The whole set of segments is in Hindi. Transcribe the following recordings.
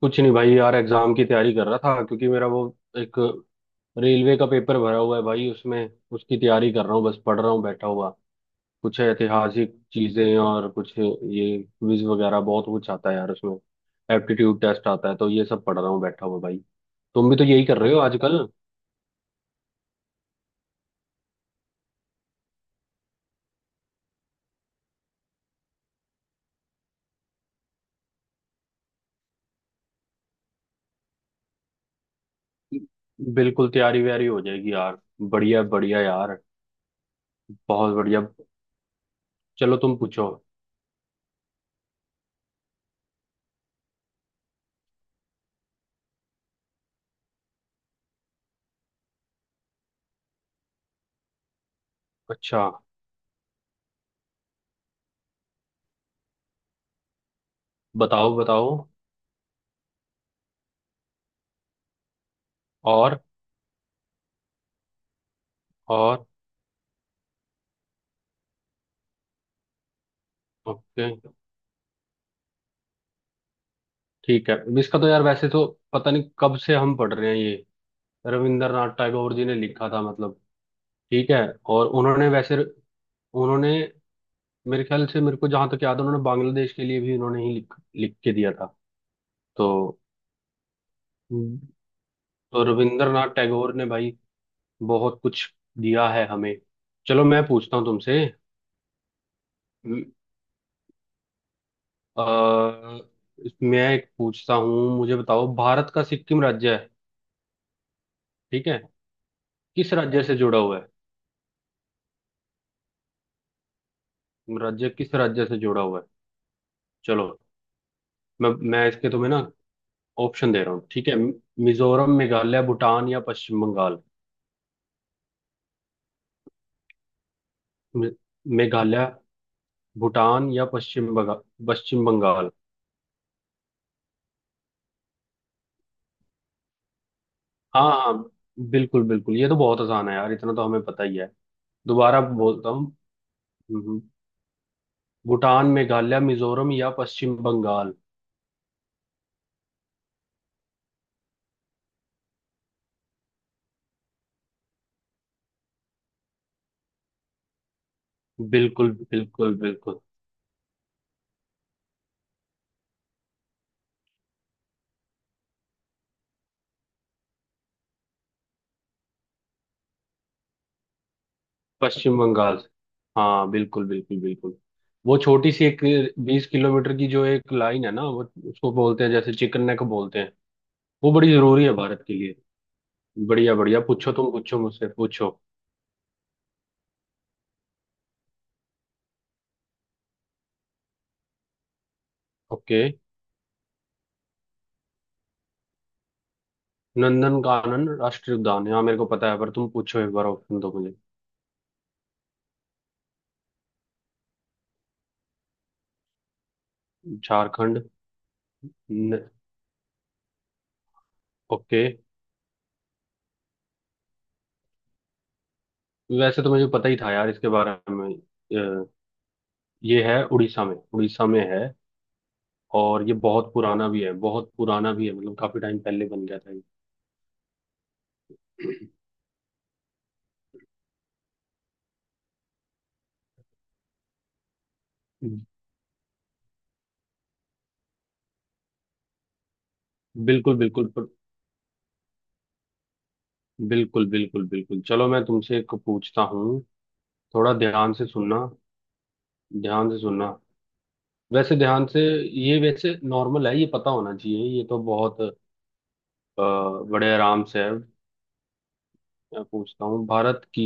कुछ नहीं भाई यार, एग्जाम की तैयारी कर रहा था क्योंकि मेरा वो एक रेलवे का पेपर भरा हुआ है भाई। उसमें उसकी तैयारी कर रहा हूँ, बस पढ़ रहा हूँ बैठा हुआ। कुछ ऐतिहासिक चीजें और कुछ ये क्विज वगैरह, बहुत कुछ आता है यार उसमें। एप्टीट्यूड टेस्ट आता है तो ये सब पढ़ रहा हूँ बैठा हुआ भाई। तुम भी तो यही कर रहे हो आजकल। बिल्कुल, तैयारी व्यारी हो जाएगी यार। बढ़िया बढ़िया यार, बहुत बढ़िया। चलो तुम पूछो। अच्छा, बताओ बताओ। और और। ओके, ठीक है। इसका तो यार वैसे तो पता नहीं कब से हम पढ़ रहे हैं ये। रविंद्रनाथ टैगोर जी ने लिखा था मतलब। ठीक है। और उन्होंने वैसे, उन्होंने मेरे ख्याल से, मेरे को जहां तक याद है, उन्होंने बांग्लादेश के लिए भी उन्होंने ही लिख लिख के दिया था तो। तो रविंद्रनाथ टैगोर ने भाई बहुत कुछ दिया है हमें। चलो मैं पूछता हूँ तुमसे। आ, मैं एक पूछता हूँ, मुझे बताओ, भारत का सिक्किम राज्य है, ठीक है, किस राज्य से जुड़ा हुआ है? राज्य किस राज्य से जुड़ा हुआ है? चलो मैं इसके तुम्हें ना ऑप्शन दे रहा हूँ, ठीक है। मिजोरम, मेघालय, भूटान या पश्चिम बंगाल? मे- मेघालय, भूटान या पश्चिम बंगाल? पश्चिम बंगाल। हाँ, हाँ बिल्कुल बिल्कुल, ये तो बहुत आसान है यार, इतना तो हमें पता ही है। दोबारा बोलता हूँ। हम्म, हम्म, भूटान, मेघालय, मिजोरम या पश्चिम बंगाल? बिल्कुल बिल्कुल बिल्कुल, पश्चिम बंगाल। हाँ, बिल्कुल बिल्कुल बिल्कुल। वो छोटी सी एक बीस किलोमीटर की जो एक लाइन है ना, वो उसको बोलते हैं, जैसे चिकन नेक बोलते हैं। वो बड़ी जरूरी है भारत के लिए। बढ़िया बढ़िया, पूछो तुम, पूछो मुझसे, पूछो। ओके। नंदन कानन राष्ट्रीय उद्यान, यहाँ मेरे को पता है पर तुम पूछो एक बार, ऑप्शन दो मुझे। झारखंड, न, ओके। वैसे तो मुझे पता ही था यार इसके बारे में। ये है उड़ीसा में, उड़ीसा में है। और ये बहुत पुराना भी है, बहुत पुराना भी है, मतलब काफी टाइम पहले बन गया था ये। बिल्कुल बिल्कुल बिल्कुल बिल्कुल बिल्कुल। चलो मैं तुमसे एक पूछता हूँ। थोड़ा ध्यान से सुनना, ध्यान से सुनना, वैसे ध्यान से। ये वैसे नॉर्मल है, ये पता होना चाहिए, ये तो बहुत अ, बड़े आराम से है। मैं पूछता हूँ भारत की,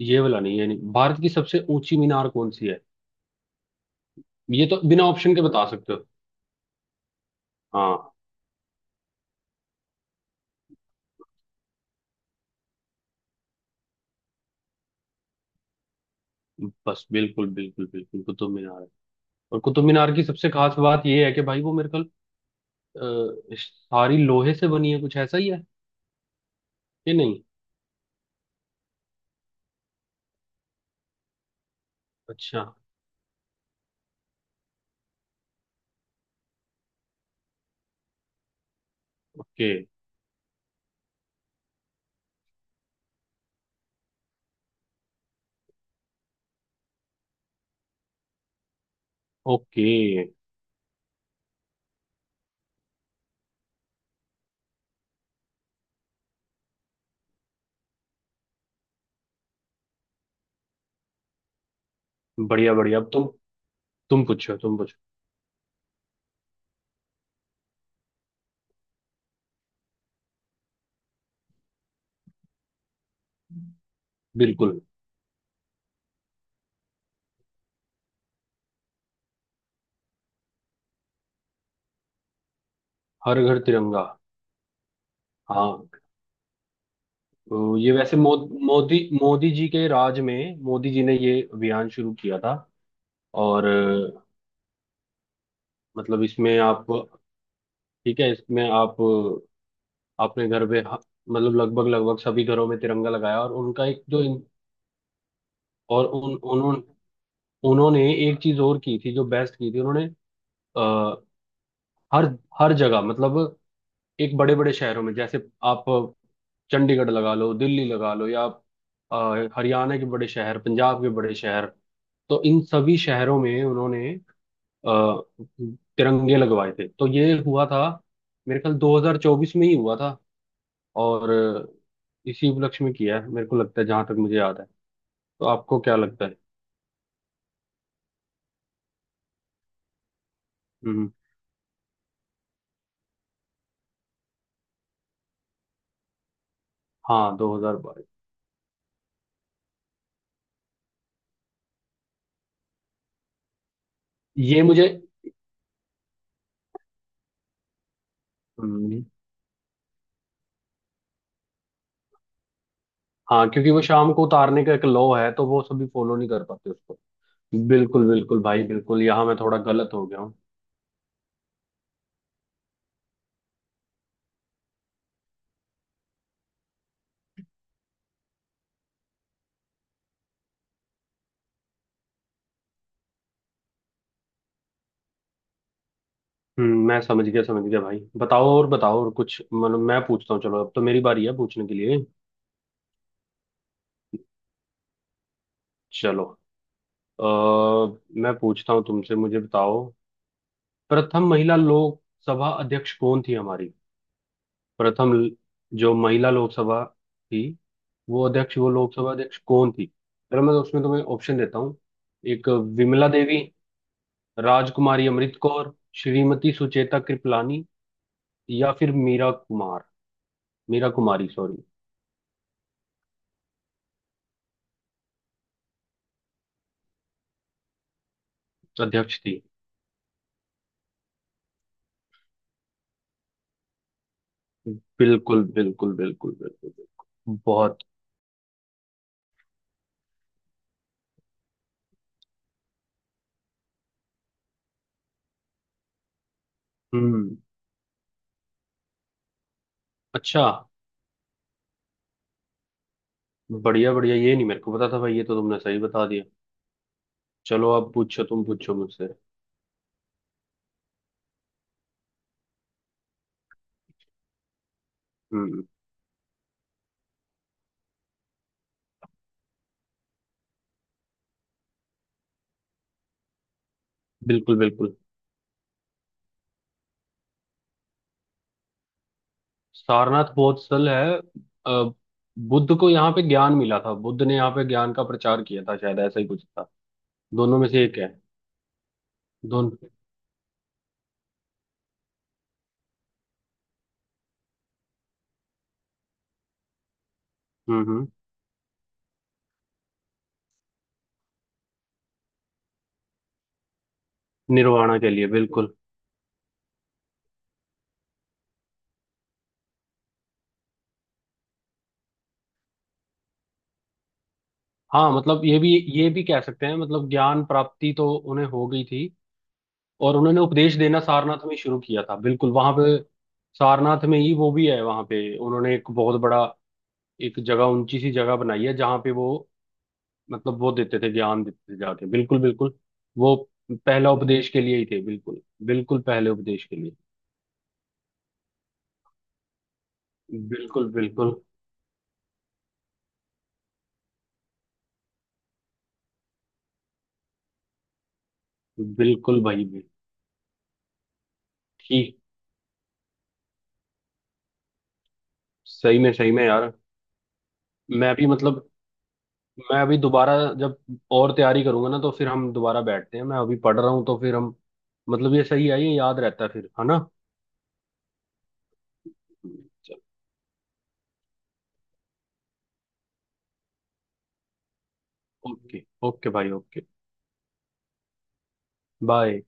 ये वाला नहीं है, नहीं, भारत की सबसे ऊंची मीनार कौन सी है? ये तो बिना ऑप्शन के बता सकते हो। हाँ। बस बिल्कुल बिल्कुल बिल्कुल, कुतुब मीनार है। और कुतुब मीनार की सबसे खास बात ये है कि भाई वो मेरे ख्याल, सारी लोहे से बनी है, कुछ ऐसा ही है कि नहीं? अच्छा, ओके ओके। बढ़िया बढ़िया, अब तुम पूछो, तुम पूछो। बिल्कुल। हर घर तिरंगा, हाँ। तो ये वैसे मोदी, मोदी जी के राज में मोदी जी ने ये अभियान शुरू किया था। और मतलब इसमें आप, ठीक है, इसमें आप अपने घर पे मतलब लगभग लगभग सभी घरों में तिरंगा लगाया, और उनका एक जो और उन उन्होंने उन्होंने एक चीज और की थी, जो बेस्ट की थी उन्होंने। अ, हर हर जगह मतलब एक बड़े बड़े शहरों में, जैसे आप चंडीगढ़ लगा लो, दिल्ली लगा लो, या आप हरियाणा के बड़े शहर, पंजाब के बड़े शहर, तो इन सभी शहरों में उन्होंने अ, तिरंगे लगवाए थे। तो ये हुआ था मेरे ख्याल 2024 में ही हुआ था, और इसी उपलक्ष्य में किया है मेरे को लगता है, जहां तक मुझे याद है। तो आपको क्या लगता है? हम्म। हाँ, 2022। ये मुझे। हम्म, हाँ, क्योंकि वो शाम को उतारने का एक लॉ है तो वो सभी फॉलो नहीं कर पाते उसको। बिल्कुल बिल्कुल भाई बिल्कुल, यहाँ मैं थोड़ा गलत हो गया हूँ। हम्म, मैं समझ गया, समझ गया भाई। बताओ और, बताओ और कुछ, मतलब मैं पूछता हूँ, चलो अब तो मेरी बारी है पूछने के लिए। चलो, अ, मैं पूछता हूँ तुमसे, मुझे बताओ, प्रथम महिला लोकसभा अध्यक्ष कौन थी हमारी? प्रथम ल- जो महिला लोकसभा थी, वो अध्यक्ष, वो लोकसभा अध्यक्ष कौन थी? अगर मैं, तो उसमें तुम्हें ऑप्शन देता हूँ। एक, विमला देवी, राजकुमारी अमृत कौर, श्रीमती सुचेता कृपलानी, या फिर मीरा कुमार, मीरा कुमारी सॉरी। अध्यक्ष थी। बिल्कुल बिल्कुल बिल्कुल बिल्कुल बिल्कुल, बहुत। हम्म। अच्छा, बढ़िया बढ़िया, ये नहीं मेरे को पता था भाई, ये तो तुमने सही बता दिया। चलो अब पूछो, तुम पूछो मुझसे। हम्म। बिल्कुल बिल्कुल, सारनाथ बौद्ध स्थल है। अ, बुद्ध को यहाँ पे ज्ञान मिला था, बुद्ध ने यहाँ पे ज्ञान का प्रचार किया था, शायद ऐसा ही कुछ था, दोनों में से एक है। दोनों। हम्म। निर्वाणा के लिए, बिल्कुल। हाँ मतलब ये भी, ये भी कह सकते हैं, मतलब ज्ञान प्राप्ति तो उन्हें हो गई थी, और उन्होंने उपदेश देना सारनाथ में ही शुरू किया था, बिल्कुल वहां पे। सारनाथ में ही वो भी है, वहां पे उन्होंने एक बहुत बड़ा एक जगह, ऊंची सी जगह बनाई है, जहाँ पे वो मतलब वो देते थे, ज्ञान देते थे जाके, बिल्कुल बिल्कुल। वो पहला उपदेश के लिए ही थे, बिल्कुल बिल्कुल, पहले उपदेश के लिए। बिल्कुल बिल्कुल बिल्कुल भाई बिल्कुल। ठीक, सही में यार। मैं भी मतलब, मैं अभी दोबारा जब और तैयारी करूंगा ना, तो फिर हम दोबारा बैठते हैं, मैं अभी पढ़ रहा हूँ। तो फिर हम, मतलब ये सही है, ये याद रहता है फिर, है ना। चल, ओके ओके भाई, ओके। बाय।